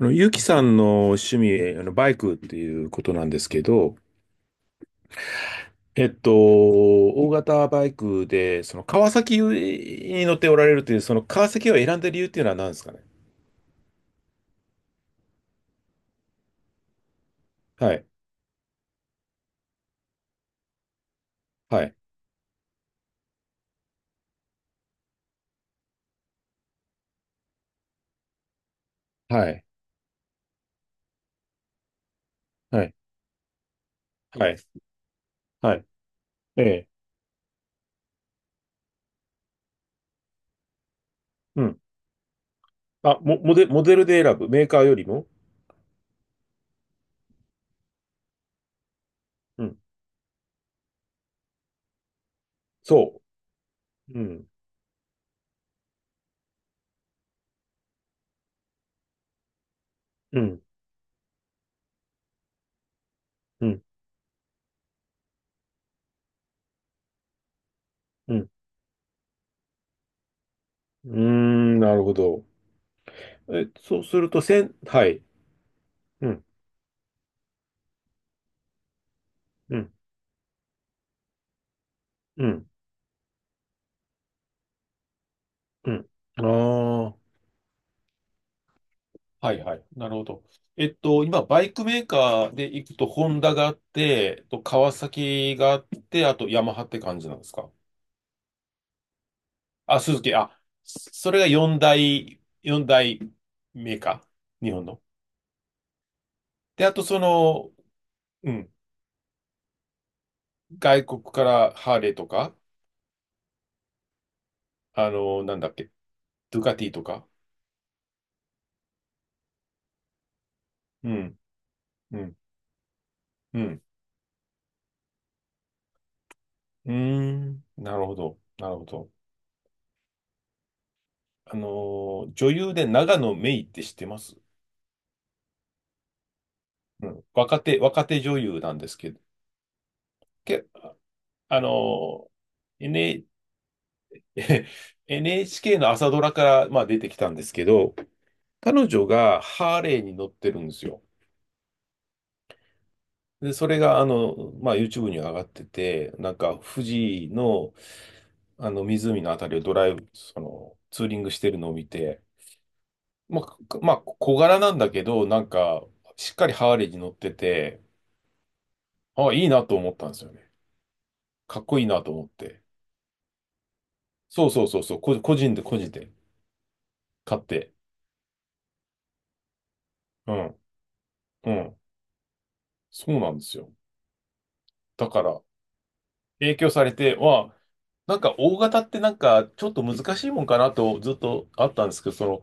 ゆきさんの趣味、バイクっていうことなんですけど、大型バイクで、その川崎に乗っておられるという、その川崎を選んだ理由っていうのは何ですかね。はい、はい、はい、はい、はい、はい、ええ、うん。あ、モデルで選ぶ、メーカーよりも？うん、そう。うん、うん、うん、うん。うーん、なるほど。え、そうすると、はい、うん、うん、うん、うん。ああ。はいはい。なるほど。今、バイクメーカーで行くと、ホンダがあって、と川崎があって、あとヤマハって感じなんですか？あ、鈴木、あ、それが4大、4大メーカー、日本の。で、あとその、うん、外国からハーレーとか、なんだっけ、ドゥカティとか。うん、うん、うん、うーん、なるほど、なるほど。あの女優で長野メイって知ってます？うん、若手、若手女優なんですけど、け、あの、n NHK の朝ドラから、まあ、出てきたんですけど、彼女がハーレーに乗ってるんですよ。で、それが、まあ、YouTube に上がってて、なんか、富士の、湖のあたりをドライブ、ツーリングしてるのを見て、まあ、まあ、小柄なんだけど、なんか、しっかりハーレーに乗ってて、あ、いいなと思ったんですよね。かっこいいなと思って。そうそうそうそう、個人で個人で買って。うん、うん。そうなんですよ。だから、影響されて、なんか大型ってなんかちょっと難しいもんかなとずっとあったんですけど、その、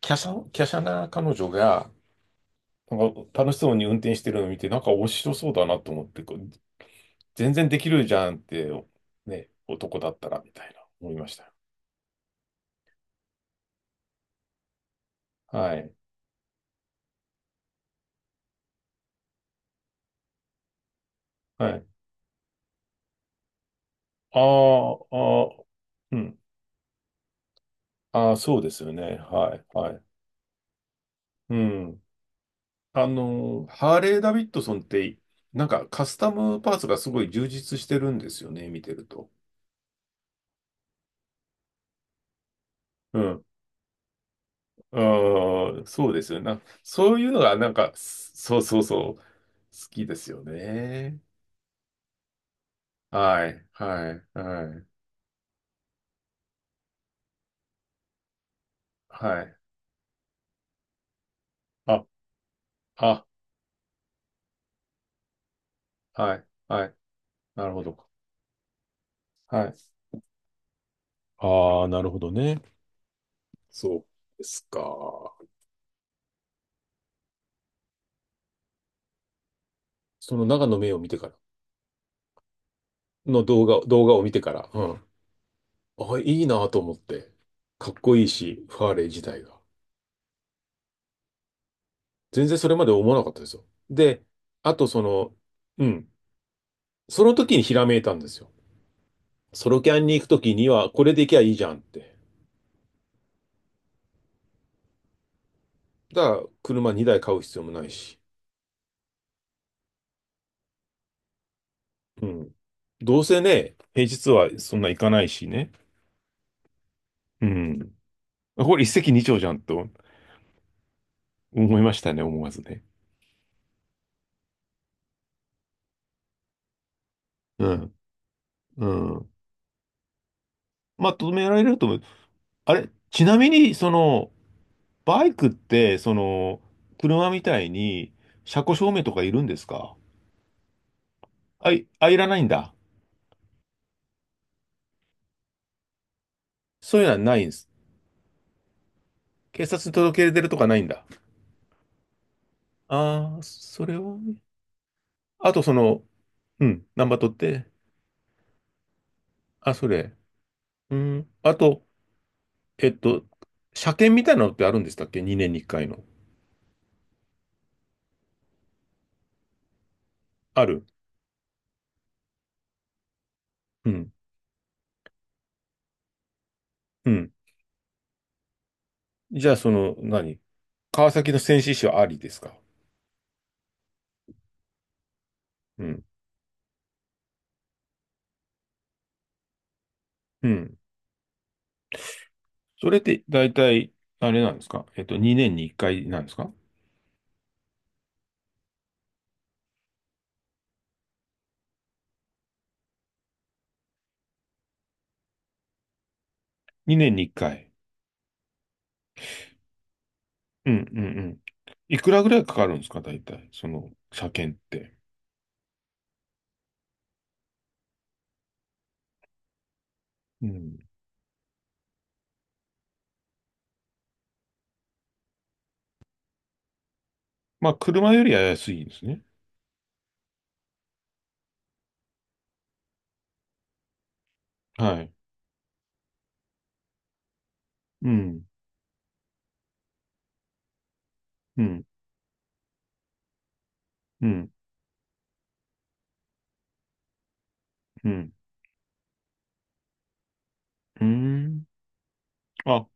華奢、華奢な彼女が、なんか楽しそうに運転してるのを見て、なんか面白そうだなと思って、こう全然できるじゃんって、ね、男だったら、みたいな、思いました。はい。はい。ああ、ああ、うん。ああ、そうですよね。はい。はい。うん。ハーレー・ダビッドソンって、なんかカスタムパーツがすごい充実してるんですよね、見てると。うん。ああ、そうですよね。そういうのが、なんか、そうそうそう、好きですよね。はい、はい、はい、はい。あ、あ、はい、はい。なるほど。はい。ああ、なるほどね。そうですか。その長野目を見てから、の動画、動画を見てから。うん。あ、いいなと思って。かっこいいし、ファーレー自体が。全然それまで思わなかったですよ。で、あとその、うん。その時にひらめいたんですよ。ソロキャンに行く時には、これで行きゃいいじゃんって。だから、車2台買う必要もないし。うん。どうせね、平日はそんな行かないしね。うん。これ一石二鳥じゃんと思いましたね、思わずね。うん。うん。まあ、止められると思う。あれ、ちなみに、バイクって、車みたいに、車庫証明とかいるんですか？あ、いらないんだ。そういうのはないんです。警察に届け出るとかないんだ。ああ、それはね。あと、うん、ナンバー取って。あ、それ。うん。あと、えっと、車検みたいなのってあるんでしたっけ？ 2 年に1回の。ある。うん。うん。じゃあ、その、何、川崎の戦死者はありですか？うん。うん。それって、大体、あれなんですか？2年に1回なんですか？ 2 年に1回。うんうんうん。いくらぐらいかかるんですか、大体、その車検って。うん。まあ、車よりは安いんですね。はい。うん、うん、うん、うん。うーん。あ、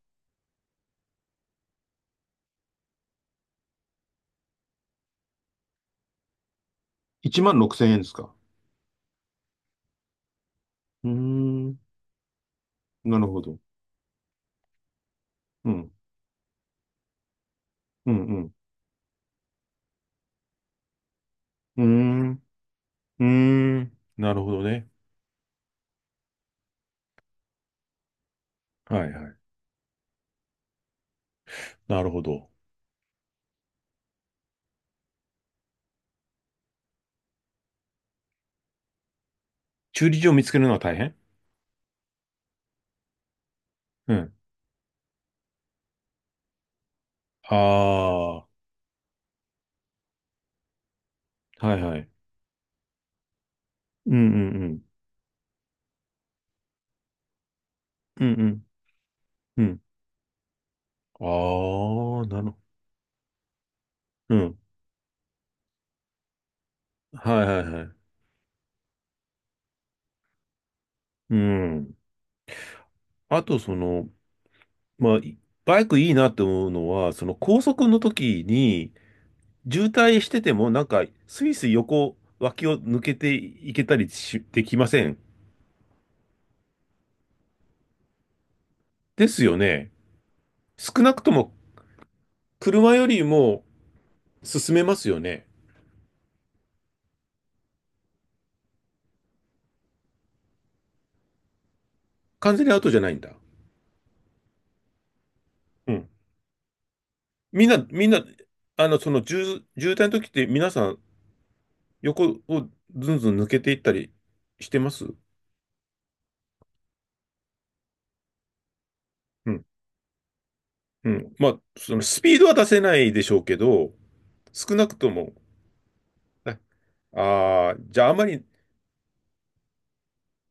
1万6千円ですか。うーん。なるほど。うん、うん、うん。うーん、うーん。なるほどね。はい、はい。なるほど。駐輪場を見つけるのは大変？うん。ああ、はいはい。うんうんうん。うんうんうん。ああ、なるほど。うん。はいはいはい。うん。あと、その、まあ、バイクいいなって思うのは、その高速の時に、渋滞してても、なんか、スイスイ横脇を抜けていけたりし、できません？ですよね。少なくとも、車よりも進めますよね。完全にアウトじゃないんだ。うん。みんな、みんな、渋滞の時って皆さん、横をずんずん抜けていったりしてます？うん。うん。まあ、そのスピードは出せないでしょうけど、少なくとも、ね、ああ、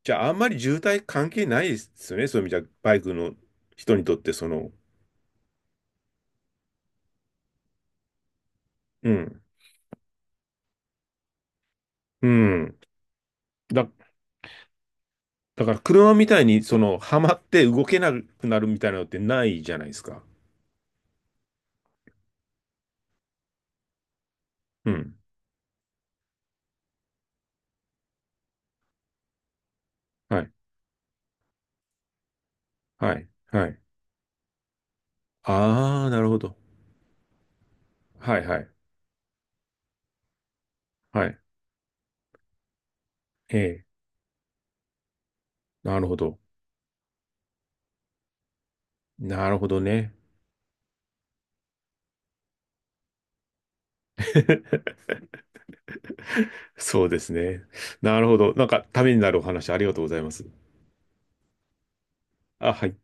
じゃああんまり渋滞関係ないですよね。そういう意味じゃ、バイクの人にとって、その、うん、うん。だ、だから車みたいに、その、はまって動けなくなるみたいなのってないじゃないですか。うん。はい、はい、はい。ああ、なるほど。はい、はい、はい。ええ、なるほど。なるほどね。そうですね。なるほど。なんか、ためになるお話ありがとうございます。あ、はい。